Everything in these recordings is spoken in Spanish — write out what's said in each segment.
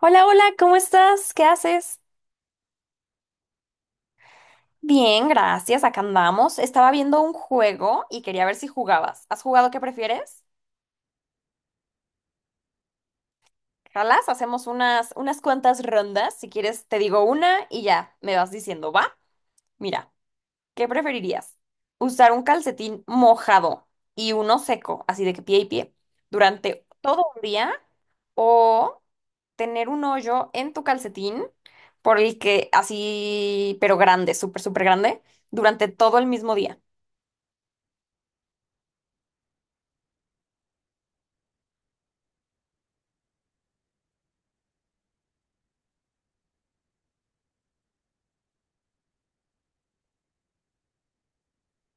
Hola, hola, ¿cómo estás? ¿Qué haces? Bien, gracias, acá andamos. Estaba viendo un juego y quería ver si jugabas. ¿Has jugado qué prefieres? Jalas, hacemos unas cuantas rondas. Si quieres, te digo una y ya me vas diciendo, ¿va? Mira. ¿Qué preferirías? ¿Usar un calcetín mojado y uno seco, así de que pie y pie, durante todo un día? ¿O tener un hoyo en tu calcetín por el que así, pero grande, súper, súper grande, durante todo el mismo día?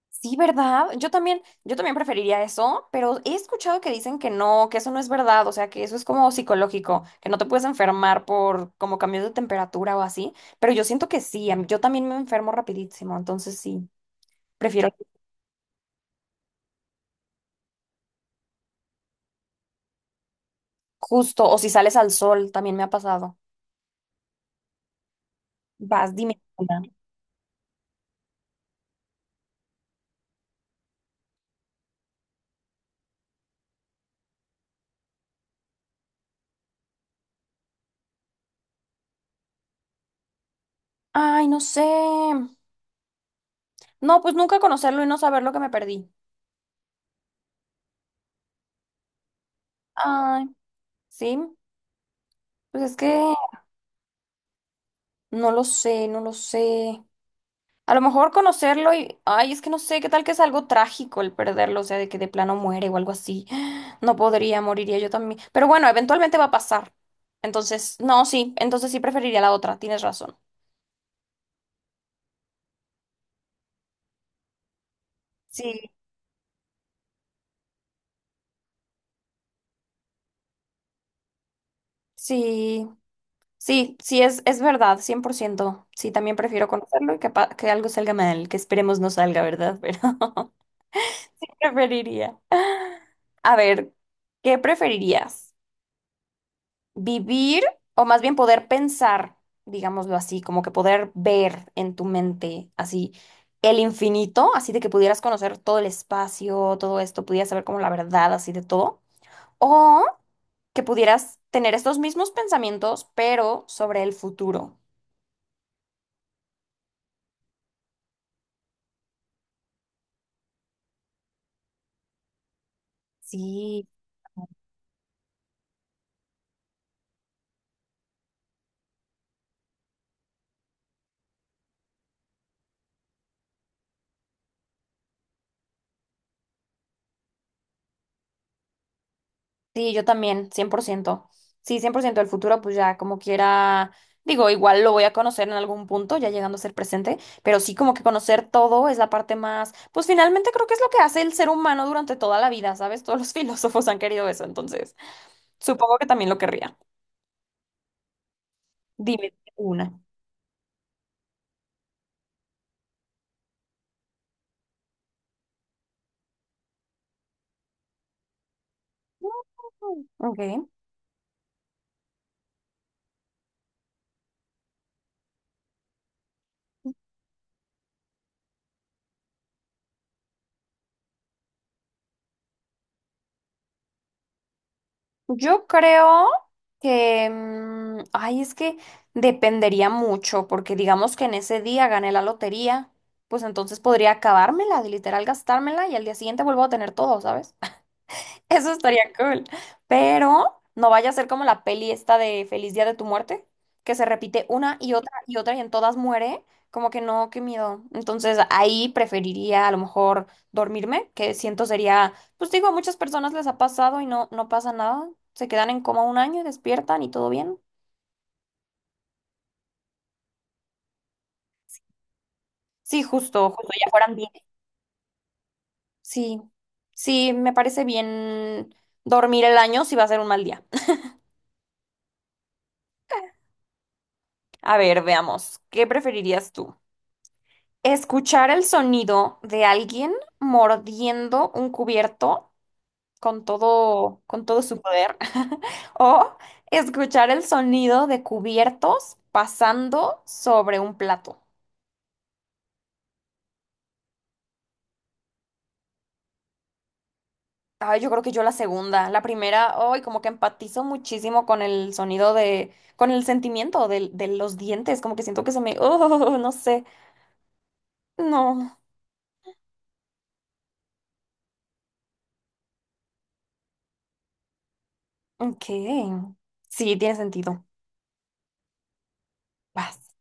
Sí, ¿verdad? Yo también preferiría eso, pero he escuchado que dicen que no, que eso no es verdad, o sea, que eso es como psicológico, que no te puedes enfermar por como cambios de temperatura o así, pero yo siento que sí, yo también me enfermo rapidísimo, entonces sí, prefiero justo, o si sales al sol, también me ha pasado. Vas, dime. Una. Ay, no sé. No, pues nunca conocerlo y no saber lo que me perdí. Ay, sí, pues es que no lo sé, no lo sé. A lo mejor conocerlo y, ay, es que no sé, qué tal que es algo trágico el perderlo, o sea, de que de plano muere o algo así. No podría, moriría yo también. Pero bueno, eventualmente va a pasar. Entonces, no, sí, entonces sí preferiría la otra, tienes razón. Sí, sí, sí, sí, es verdad, 100%. Sí, también prefiero conocerlo y que, que algo salga mal, que esperemos no salga, ¿verdad? Pero preferiría. A ver, ¿qué preferirías? Vivir o más bien poder pensar, digámoslo así, como que poder ver en tu mente así el infinito, así de que pudieras conocer todo el espacio, todo esto, pudieras saber como la verdad así de todo, o que pudieras tener estos mismos pensamientos, pero sobre el futuro. Sí. Sí, yo también, 100%. Sí, 100%. Del futuro, pues ya como quiera, digo, igual lo voy a conocer en algún punto, ya llegando a ser presente, pero sí como que conocer todo es la parte más, pues finalmente creo que es lo que hace el ser humano durante toda la vida, ¿sabes? Todos los filósofos han querido eso, entonces supongo que también lo querría. Dime una. Mm. Ok. Yo creo que, ay, es que dependería mucho, porque digamos que en ese día gané la lotería, pues entonces podría acabármela, de literal gastármela y al día siguiente vuelvo a tener todo, ¿sabes? Eso estaría cool. Pero no vaya a ser como la peli esta de Feliz Día de tu Muerte, que se repite una y otra y otra y en todas muere. Como que no, qué miedo. Entonces ahí preferiría a lo mejor dormirme, que siento sería, pues digo, a muchas personas les ha pasado y no, no pasa nada. Se quedan en coma un año y despiertan y todo bien. Sí, justo, justo, ya fueran bien. Sí, sí, me parece bien dormir el año si va a ser un mal día. A ver, veamos, ¿qué preferirías tú? Escuchar el sonido de alguien mordiendo un cubierto con todo su poder, o escuchar el sonido de cubiertos pasando sobre un plato. Ay, yo creo que yo la segunda, la primera, ay, como que empatizo muchísimo con el sonido de, con el sentimiento de, los dientes, como que siento que se me, oh, no sé, no, ok, sí, tiene sentido, vas.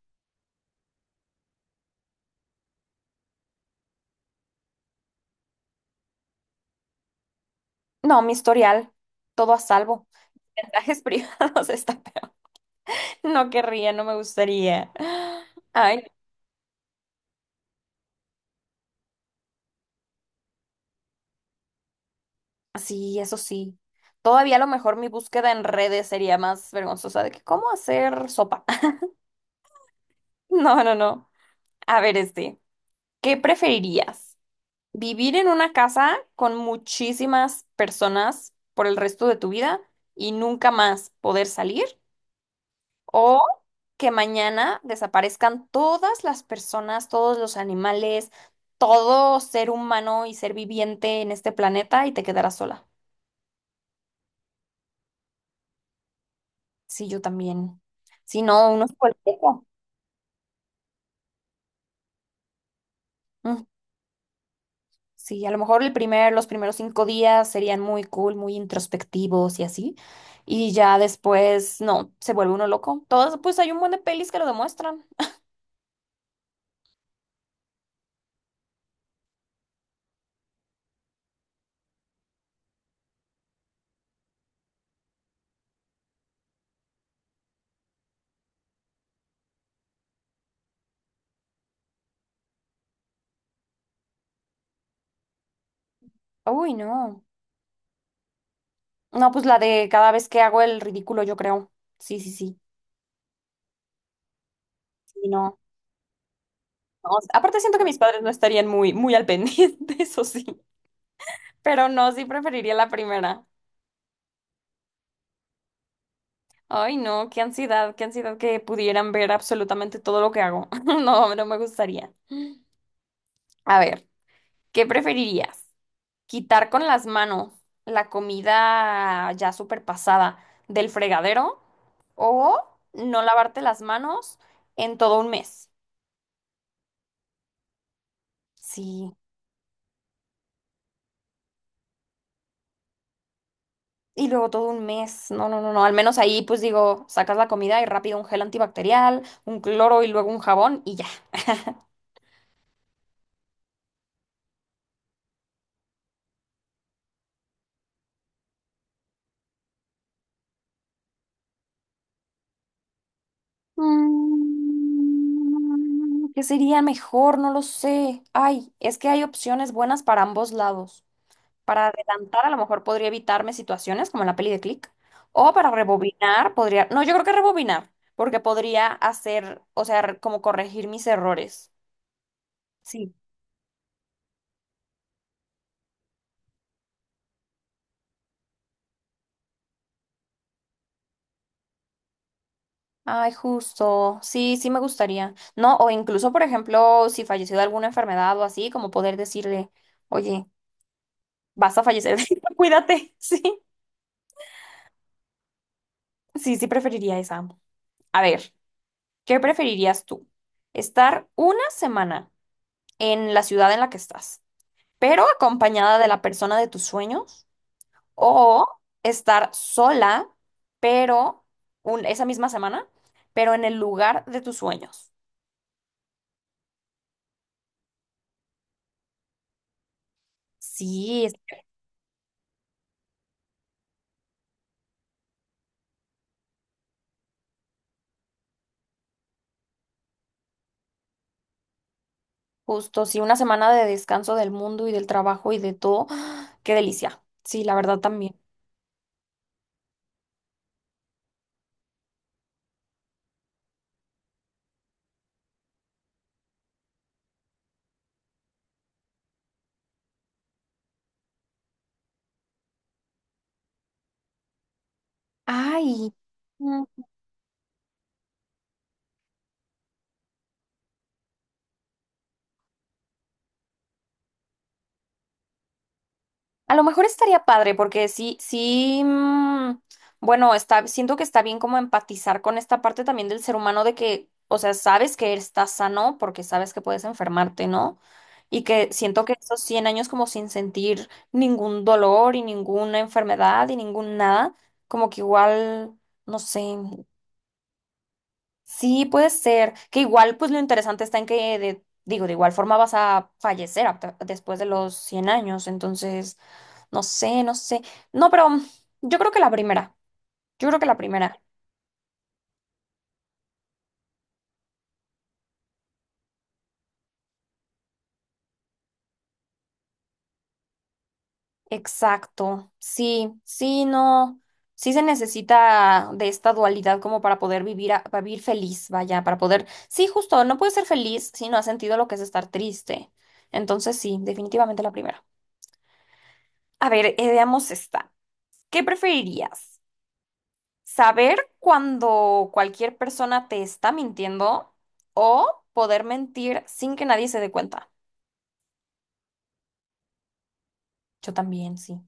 No, mi historial, todo a salvo. Viajes privados está peor. No querría, no me gustaría. Ay, no. Sí, eso sí. Todavía a lo mejor mi búsqueda en redes sería más vergonzosa de que cómo hacer sopa. No, no, no. A ver, este, ¿qué preferirías? ¿Vivir en una casa con muchísimas personas por el resto de tu vida y nunca más poder salir? O que mañana desaparezcan todas las personas, todos los animales, todo ser humano y ser viviente en este planeta y te quedarás sola. Sí, yo también. Si no, uno es cualquiera. Mm. Sí, a lo mejor el primer, los primeros 5 días serían muy cool, muy introspectivos y así. Y ya después, no, se vuelve uno loco. Todas, pues hay un buen de pelis que lo demuestran. Uy, no. No, pues la de cada vez que hago el ridículo, yo creo. Sí, sí, sí. Sí, no. No, aparte siento que mis padres no estarían muy, muy al pendiente, eso sí. Pero no, sí preferiría la primera. Ay, no, qué ansiedad que pudieran ver absolutamente todo lo que hago. No, no me gustaría. A ver, ¿qué preferirías? ¿Quitar con las manos la comida ya súper pasada del fregadero o no lavarte las manos en todo un mes? Sí. Y luego todo un mes. No, no, no, no. Al menos ahí, pues digo, sacas la comida y rápido un gel antibacterial, un cloro y luego un jabón y ya. ¿Qué sería mejor? No lo sé. Ay, es que hay opciones buenas para ambos lados. Para adelantar, a lo mejor podría evitarme situaciones como en la peli de Click. O para rebobinar, podría. No, yo creo que rebobinar, porque podría hacer, o sea, como corregir mis errores. Sí. Ay, justo. Sí, sí me gustaría. No, o incluso, por ejemplo, si falleció de alguna enfermedad o así, como poder decirle, oye, vas a fallecer, cuídate. Sí, sí, sí preferiría esa. A ver, ¿qué preferirías tú? Estar una semana en la ciudad en la que estás, pero acompañada de la persona de tus sueños, o estar sola, pero esa misma semana, pero en el lugar de tus sueños. Sí, justo, sí, una semana de descanso del mundo y del trabajo y de todo. ¡Ah! Qué delicia. Sí, la verdad también. Ay, mm, a lo mejor estaría padre porque sí, sí, bueno, está, siento que está bien como empatizar con esta parte también del ser humano de que, o sea, sabes que estás sano porque sabes que puedes enfermarte, ¿no? Y que siento que esos 100 años como sin sentir ningún dolor y ninguna enfermedad y ningún nada, como que igual, no sé. Sí, puede ser. Que igual, pues lo interesante está en que, digo, de igual forma vas a fallecer después de los 100 años. Entonces, no sé, no sé. No, pero yo creo que la primera. Yo creo que la primera. Exacto. Sí, sí, no. Sí se necesita de esta dualidad como para poder vivir, para vivir feliz, vaya, para poder. Sí, justo, no puedes ser feliz si no has sentido lo que es estar triste. Entonces, sí, definitivamente la primera. A ver, veamos esta. ¿Qué preferirías? Saber cuando cualquier persona te está mintiendo o poder mentir sin que nadie se dé cuenta. Yo también, sí.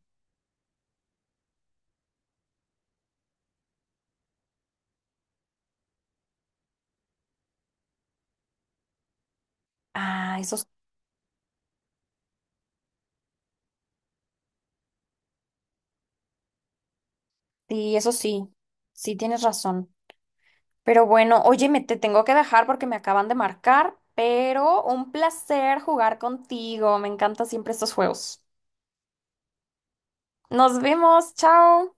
Ah, sí, eso sí. Sí, tienes razón. Pero bueno, oye, me te tengo que dejar porque me acaban de marcar, pero un placer jugar contigo. Me encantan siempre estos juegos. Nos vemos, chao.